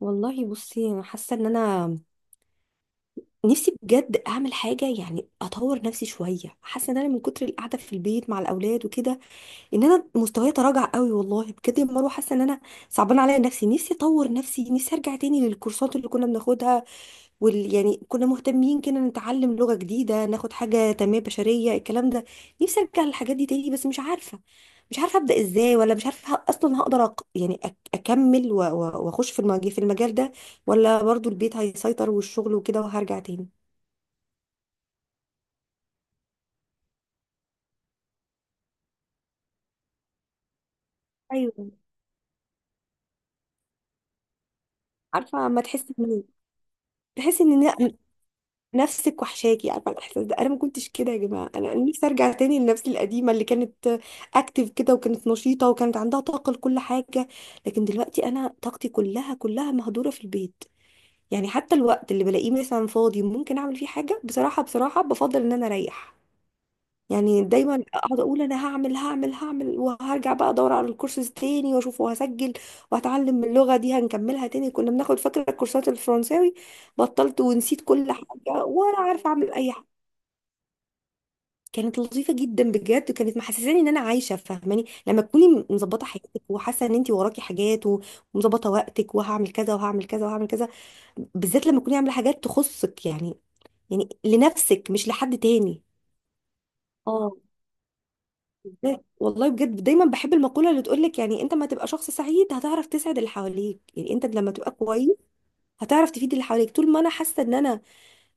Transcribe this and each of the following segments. والله بصي، انا حاسه ان انا نفسي بجد اعمل حاجه، يعني اطور نفسي شويه. حاسه ان انا من كتر القعده في البيت مع الاولاد وكده ان انا مستواي تراجع قوي. والله بجد يا مروه، حاسه ان انا صعبان عليا. نفسي نفسي اطور نفسي، نفسي ارجع تاني للكورسات اللي كنا بناخدها، وال، يعني كنا مهتمين كده نتعلم لغة جديدة، ناخد حاجة تنمية بشرية، الكلام ده. نفسي ارجع للحاجات دي تاني، بس مش عارفة ابدأ ازاي، ولا مش عارفة اصلا هقدر اكمل واخش في المجال ده، ولا برضو البيت هيسيطر والشغل وكده وهرجع تاني. ايوه. عارفة، ما تحس ان، تحس ان نفسك وحشاكي، عارفه الاحساس ده. انا ما كنتش كده يا جماعه. أنا نفسي ارجع تاني لنفسي القديمه اللي كانت اكتف كده، وكانت نشيطه، وكانت عندها طاقه لكل حاجه. لكن دلوقتي انا طاقتي كلها كلها مهدوره في البيت. يعني حتى الوقت اللي بلاقيه مثلا فاضي ممكن اعمل فيه حاجه، بصراحه بصراحه بفضل ان انا اريح. يعني دايما اقعد اقول انا هعمل وهرجع بقى ادور على الكورسز تاني واشوف وهسجل وهتعلم اللغه دي، هنكملها تاني. كنا بناخد، فاكره الكورسات الفرنساوي؟ بطلت ونسيت كل حاجه، ولا عارفه اعمل اي حاجه. كانت لطيفه جدا بجد، كانت محسساني ان انا عايشه. فاهماني لما تكوني مظبطه حياتك وحاسه ان انت وراكي حاجات، ومظبطه وقتك، وهعمل كذا وهعمل كذا وهعمل كذا، بالذات لما تكوني عامله حاجات تخصك يعني، يعني لنفسك مش لحد تاني. اه. لا والله بجد دايما بحب المقولة اللي تقولك، يعني انت ما تبقى شخص سعيد هتعرف تسعد اللي حواليك. يعني انت لما تبقى كويس هتعرف تفيد اللي حواليك. طول ما انا حاسة ان انا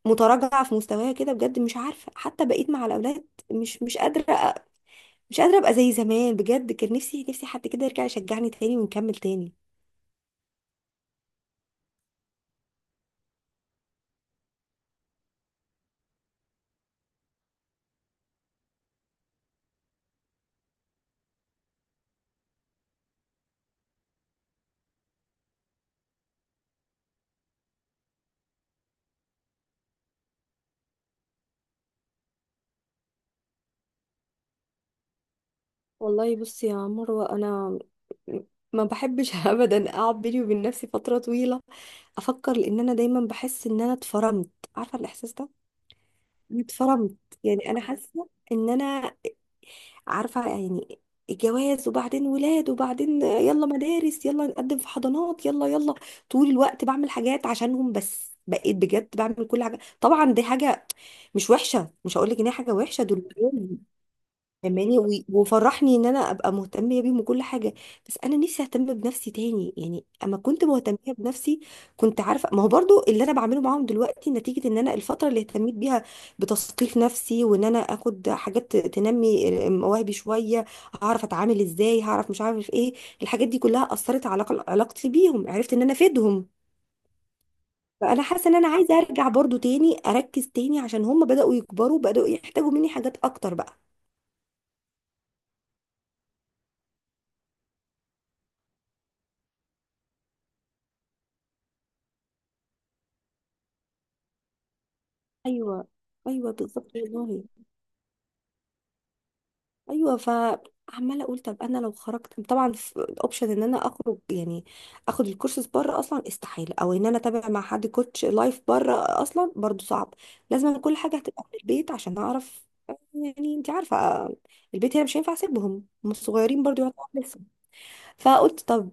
متراجعة في مستوايا كده بجد، مش عارفة حتى بقيت مع الاولاد مش قادرة، أ- مش قادرة ابقى زي زمان. بجد كان نفسي، نفسي حد كده يرجع يشجعني تاني ونكمل تاني. والله بصي يا مروة، انا ما بحبش ابدا اقعد بيني وبين نفسي فترة طويلة افكر، لان انا دايما بحس ان انا اتفرمت، عارفة الاحساس ده؟ اتفرمت. يعني انا حاسه ان انا، عارفه يعني، الجواز، وبعدين ولاد، وبعدين يلا مدارس، يلا نقدم في حضانات، يلا يلا، طول الوقت بعمل حاجات عشانهم. بس بقيت بجد بعمل كل حاجه. طبعا دي حاجه مش وحشه، مش هقول لك ان هي حاجه وحشه. دول فاهماني، وفرحني ان انا ابقى مهتمه بيهم وكل حاجه، بس انا نفسي اهتم بنفسي تاني. يعني اما كنت مهتمه بنفسي، كنت عارفه، ما هو برضو اللي انا بعمله معاهم دلوقتي نتيجه ان انا الفتره اللي اهتميت بيها بتثقيف نفسي، وان انا اخد حاجات تنمي مواهبي شويه، هعرف اتعامل ازاي، هعرف مش عارف ايه، الحاجات دي كلها اثرت على علاقتي بيهم. عرفت ان انا افيدهم. فانا حاسه ان انا عايزه ارجع برضو تاني اركز تاني، عشان هم بداوا يكبروا، بداوا يحتاجوا مني حاجات اكتر بقى. ايوه. ايوه بالظبط والله. ايوه، فعماله اقول طب انا لو خرجت، طبعا الاوبشن ان انا اخرج يعني اخد الكورسز بره اصلا استحاله، او ان انا اتابع مع حد كوتش لايف بره اصلا برضو صعب. لازم كل حاجه هتبقى من البيت، عشان اعرف، يعني انت عارفه، البيت هنا، مش هينفع اسيبهم، هم صغيرين برضو يعتبر لسه. فقلت طب،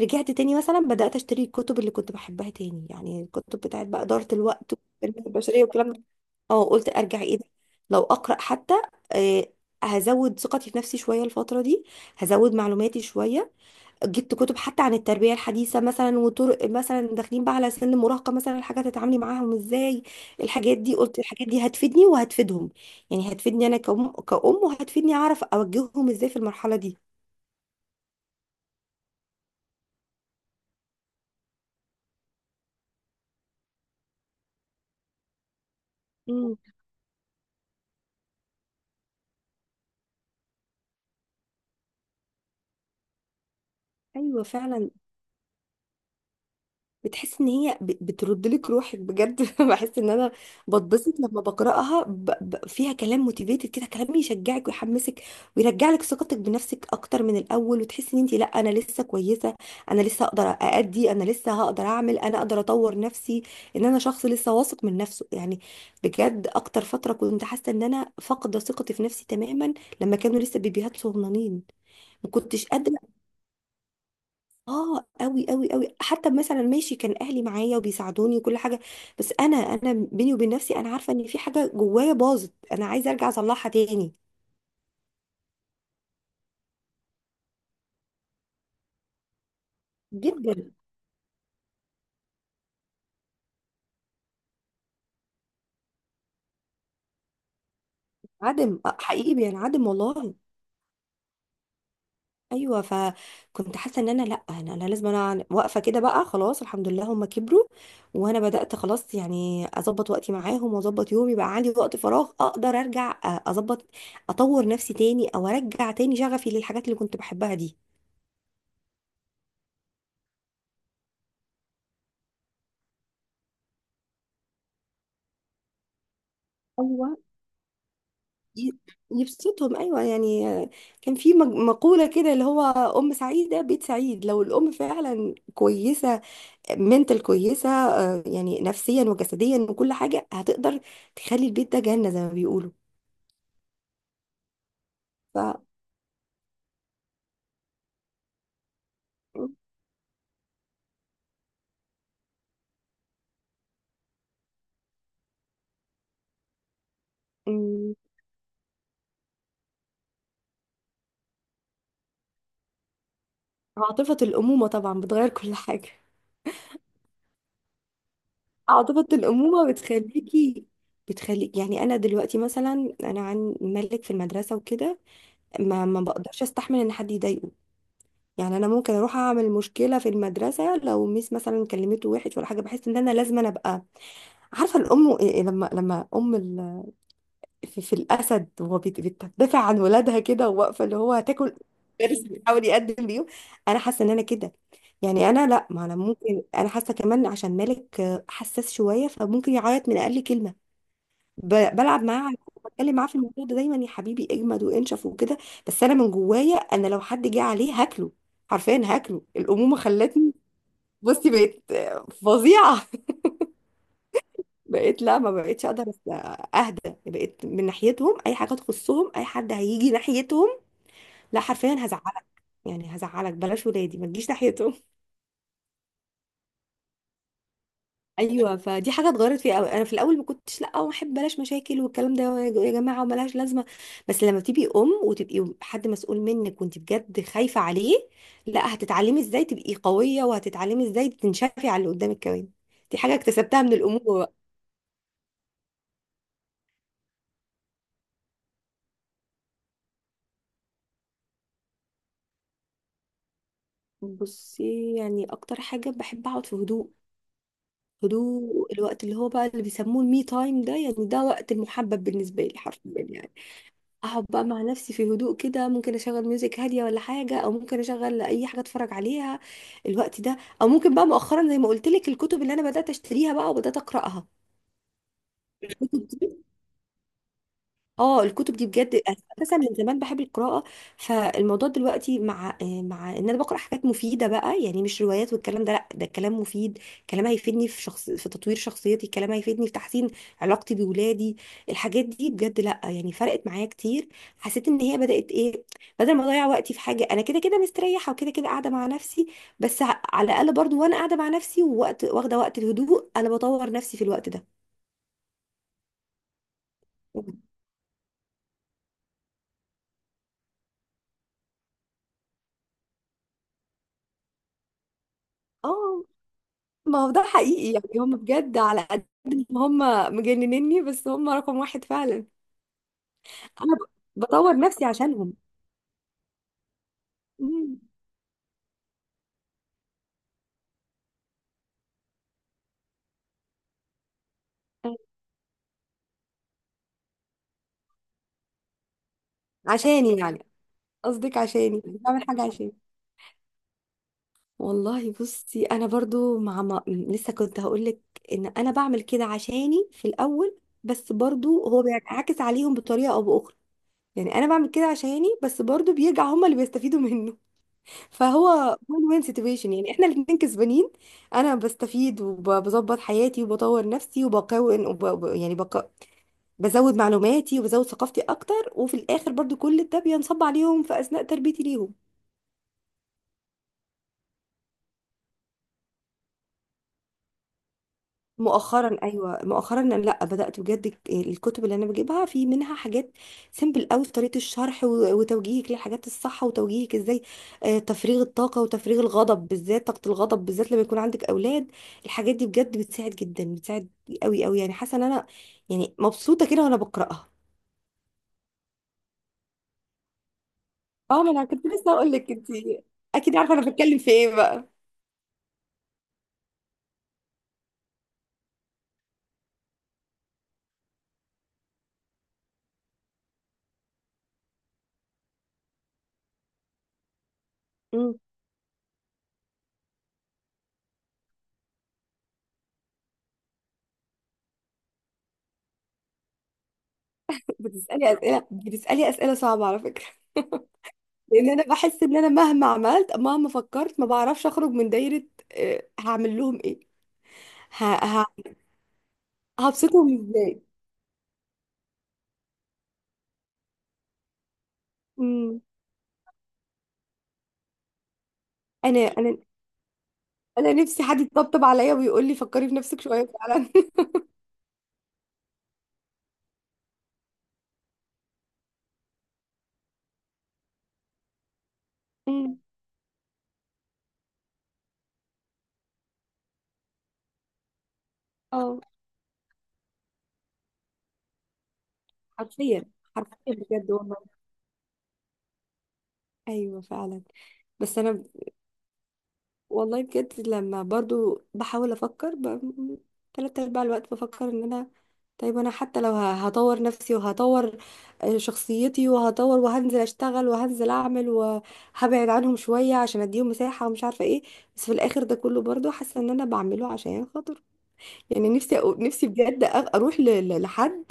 رجعت تاني مثلا بدات اشتري الكتب اللي كنت بحبها تاني، يعني الكتب بتاعت بقى اداره الوقت والتنمية البشريه والكلام ده. اه، قلت ارجع. ايه ده، لو اقرا حتى آه هزود ثقتي في نفسي شويه الفتره دي، هزود معلوماتي شويه. جبت كتب حتى عن التربيه الحديثه مثلا، وطرق مثلا داخلين بقى على سن المراهقه، مثلا الحاجات تتعاملي معاهم ازاي. الحاجات دي، قلت الحاجات دي هتفيدني وهتفيدهم، يعني هتفيدني انا كأم كأم، وهتفيدني اعرف اوجههم ازاي في المرحله دي. امم. ايوه فعلا. بتحس ان هي بترد لك روحك بجد. بحس ان انا بتبسط لما بقراها، فيها كلام موتيفيتد كده، كلام يشجعك ويحمسك ويرجع لك ثقتك بنفسك اكتر من الاول، وتحس ان انت، لا انا لسه كويسه، انا لسه اقدر اادي، انا لسه هقدر اعمل، انا اقدر اطور نفسي، ان انا شخص لسه واثق من نفسه يعني. بجد اكتر فتره كنت حاسه ان انا فاقده ثقتي في نفسي تماما لما كانوا لسه بيبيهات صغننين، ما كنتش قادره. اه قوي قوي قوي. حتى مثلا ماشي، كان اهلي معايا وبيساعدوني وكل حاجه، بس انا بيني وبين نفسي انا عارفه ان في حاجه جوايا باظت، انا عايزه ارجع اصلحها تاني. جدا. عدم، حقيقي بينعدم والله. ايوه، فكنت حاسه ان انا، لا انا، انا لازم انا واقفه كده بقى خلاص، الحمد لله هم كبروا، وانا بدات خلاص يعني اظبط وقتي معاهم، واظبط يومي، بقى عندي وقت فراغ اقدر ارجع اظبط، اطور نفسي تاني، او ارجع تاني شغفي للحاجات اللي كنت بحبها. دي ي- يبسطهم، ايوه يعني. كان في مقوله كده اللي هو، ام سعيده بيت سعيد. لو الام فعلا كويسه، منتل كويسه، يعني نفسيا وجسديا وكل حاجه، هتقدر تخلي البيت ده جنه زي ما بيقولوا. ف م- عاطفه الامومه طبعا بتغير كل حاجه. عاطفه الامومه بتخليكي، بتخليك، يعني انا دلوقتي مثلا، انا عن ملك في المدرسه وكده ما بقدرش استحمل ان حد يضايقه. يعني انا ممكن اروح اعمل مشكله في المدرسه لو ميس مثلا كلمته وحش ولا حاجه، بحس ان انا لازم ابقى، عارفه الام إيه إيه، لما ام في الاسد، وهو بتدافع عن ولادها كده، وواقفه اللي هو هتاكل بارس، بيحاول يقدم ليهم. انا حاسه ان انا كده. يعني انا لا، ما انا ممكن انا حاسه كمان عشان مالك حساس شويه، فممكن يعيط من اقل كلمه. بلعب معاه، بتكلم معاه في الموضوع ده دايما، يا حبيبي اجمد وانشف وكده. بس انا من جوايا انا لو حد جه عليه هاكله، حرفيا هاكله. الامومه خلتني، بصي بقيت فظيعه. بقيت لا، ما بقيتش اقدر اهدى. بقيت من ناحيتهم اي حاجه تخصهم، اي حد هيجي ناحيتهم، لا حرفيا هزعلك، يعني هزعلك، بلاش ولادي ما تجيش ناحيتهم. ايوه فدي حاجه اتغيرت فيها قوي، انا في الاول ما كنتش، لا ما احب، بلاش مشاكل والكلام ده يا جماعه، وملهاش لازمه. بس لما تبقي ام وتبقي حد مسؤول منك وانت بجد خايفه عليه، لا هتتعلمي ازاي تبقي قويه، وهتتعلمي ازاي تنشفي على اللي قدامك كمان. دي حاجه اكتسبتها من الامومه بقى. بصي يعني اكتر حاجه بحب اقعد في هدوء، هدوء. الوقت اللي هو بقى اللي بيسموه المي تايم ده، يعني ده وقت المحبب بالنسبه لي حرفيا يعني، اقعد بقى مع نفسي في هدوء كده، ممكن اشغل ميوزك هاديه ولا حاجه، او ممكن اشغل اي حاجه اتفرج عليها الوقت ده، او ممكن بقى مؤخرا زي ما قلت لك الكتب اللي انا بدات اشتريها بقى وبدات اقراها. اه الكتب دي بجد، أنا اساسا من زمان بحب القراءه. فالموضوع دلوقتي مع مع ان انا بقرا حاجات مفيده بقى، يعني مش روايات والكلام ده، لا ده كلام مفيد، كلام هيفيدني في شخص في تطوير شخصيتي، كلام هيفيدني في تحسين علاقتي بولادي. الحاجات دي بجد، لا يعني فرقت معايا كتير. حسيت ان هي بدات ايه، بدل ما اضيع وقتي في حاجه انا كده كده مستريحه، وكده كده قاعده مع نفسي، بس ع- على الاقل برضو وانا قاعده مع نفسي ووقت واخده وقت الهدوء، انا بطور نفسي في الوقت ده. اه، ما هو ده حقيقي، يعني هم بجد على قد ما هم مجننني، بس هم رقم واحد فعلا. انا بطور نفسي عشانهم. مم. عشاني يعني؟ قصدك عشاني بعمل حاجة عشاني. والله بصي، انا برضو مع ما... لسه كنت هقولك ان انا بعمل كده عشاني في الاول، بس برضو هو بينعكس عليهم بطريقة او باخرى. يعني انا بعمل كده عشاني، بس برضو بيرجع هم اللي بيستفيدوا منه، فهو وين وين سيتويشن، يعني احنا الاتنين كسبانين. انا بستفيد وبظبط حياتي وبطور نفسي وبكون يعني بزود معلوماتي وبزود ثقافتي اكتر، وفي الاخر برضو كل ده بينصب عليهم في اثناء تربيتي ليهم. مؤخرا ايوه، مؤخرا لا بدات بجد، الكتب اللي انا بجيبها في منها حاجات سيمبل قوي في طريقه الشرح، وتوجيهك للحاجات الصح، وتوجيهك ازاي تفريغ الطاقه وتفريغ الغضب، بالذات طاقه الغضب بالذات لما يكون عندك اولاد. الحاجات دي بجد بتساعد جدا، بتساعد قوي قوي، يعني حاسه ان انا، يعني مبسوطه كده وانا بقراها. اه ما انا كنت لسه هقول لك، انت اكيد عارفه انا بتكلم في ايه بقى. مم. بتسالي اسئله، بتسالي اسئله صعبه على فكره، لان انا بحس ان انا مهما عملت، مهما فكرت، ما بعرفش اخرج من دايره هعمل لهم ايه، ه... ه... هبسطهم ازاي. مم. انا، انا نفسي حد يطبطب عليا ويقول لي فكري في نفسك شويه فعلا. مم. اه. حرفيا، حرفيا بجد والله. ايوه فعلا. بس انا، والله بجد لما برضو بحاول افكر، تلات ارباع الوقت بفكر ان انا، طيب انا حتى لو هطور نفسي وهطور شخصيتي وهطور، وهنزل اشتغل وهنزل اعمل وهبعد عنهم شوية عشان اديهم مساحة ومش عارفة ايه، بس في الاخر ده كله برضو حاسة ان انا بعمله عشان خاطر، يعني نفسي نفسي بجد اروح لحد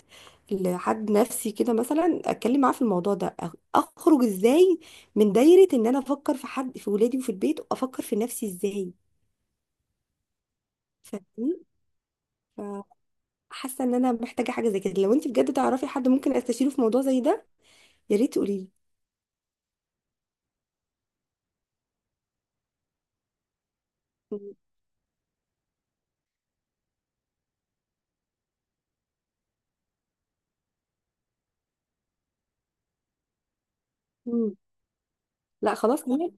لحد نفسي كده مثلا اتكلم معاه في الموضوع ده، اخرج ازاي من دايرة ان انا افكر في حد في ولادي وفي البيت، وافكر في نفسي ازاي. صدقني، فحاسه ان انا محتاجه حاجه زي كده. لو انت بجد تعرفي حد ممكن استشيره في موضوع زي ده يا ريت تقولي لي. مم. لا خلاص تمام.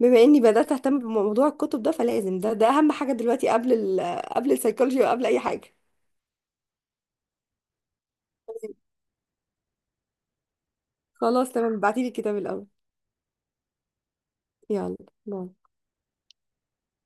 بما اني بدات اهتم بموضوع الكتب ده فلازم ده، ده اهم حاجه دلوقتي قبل ال، قبل السيكولوجي وقبل اي حاجه. خلاص تمام، ابعتي لي الكتاب الاول. يلا. باي.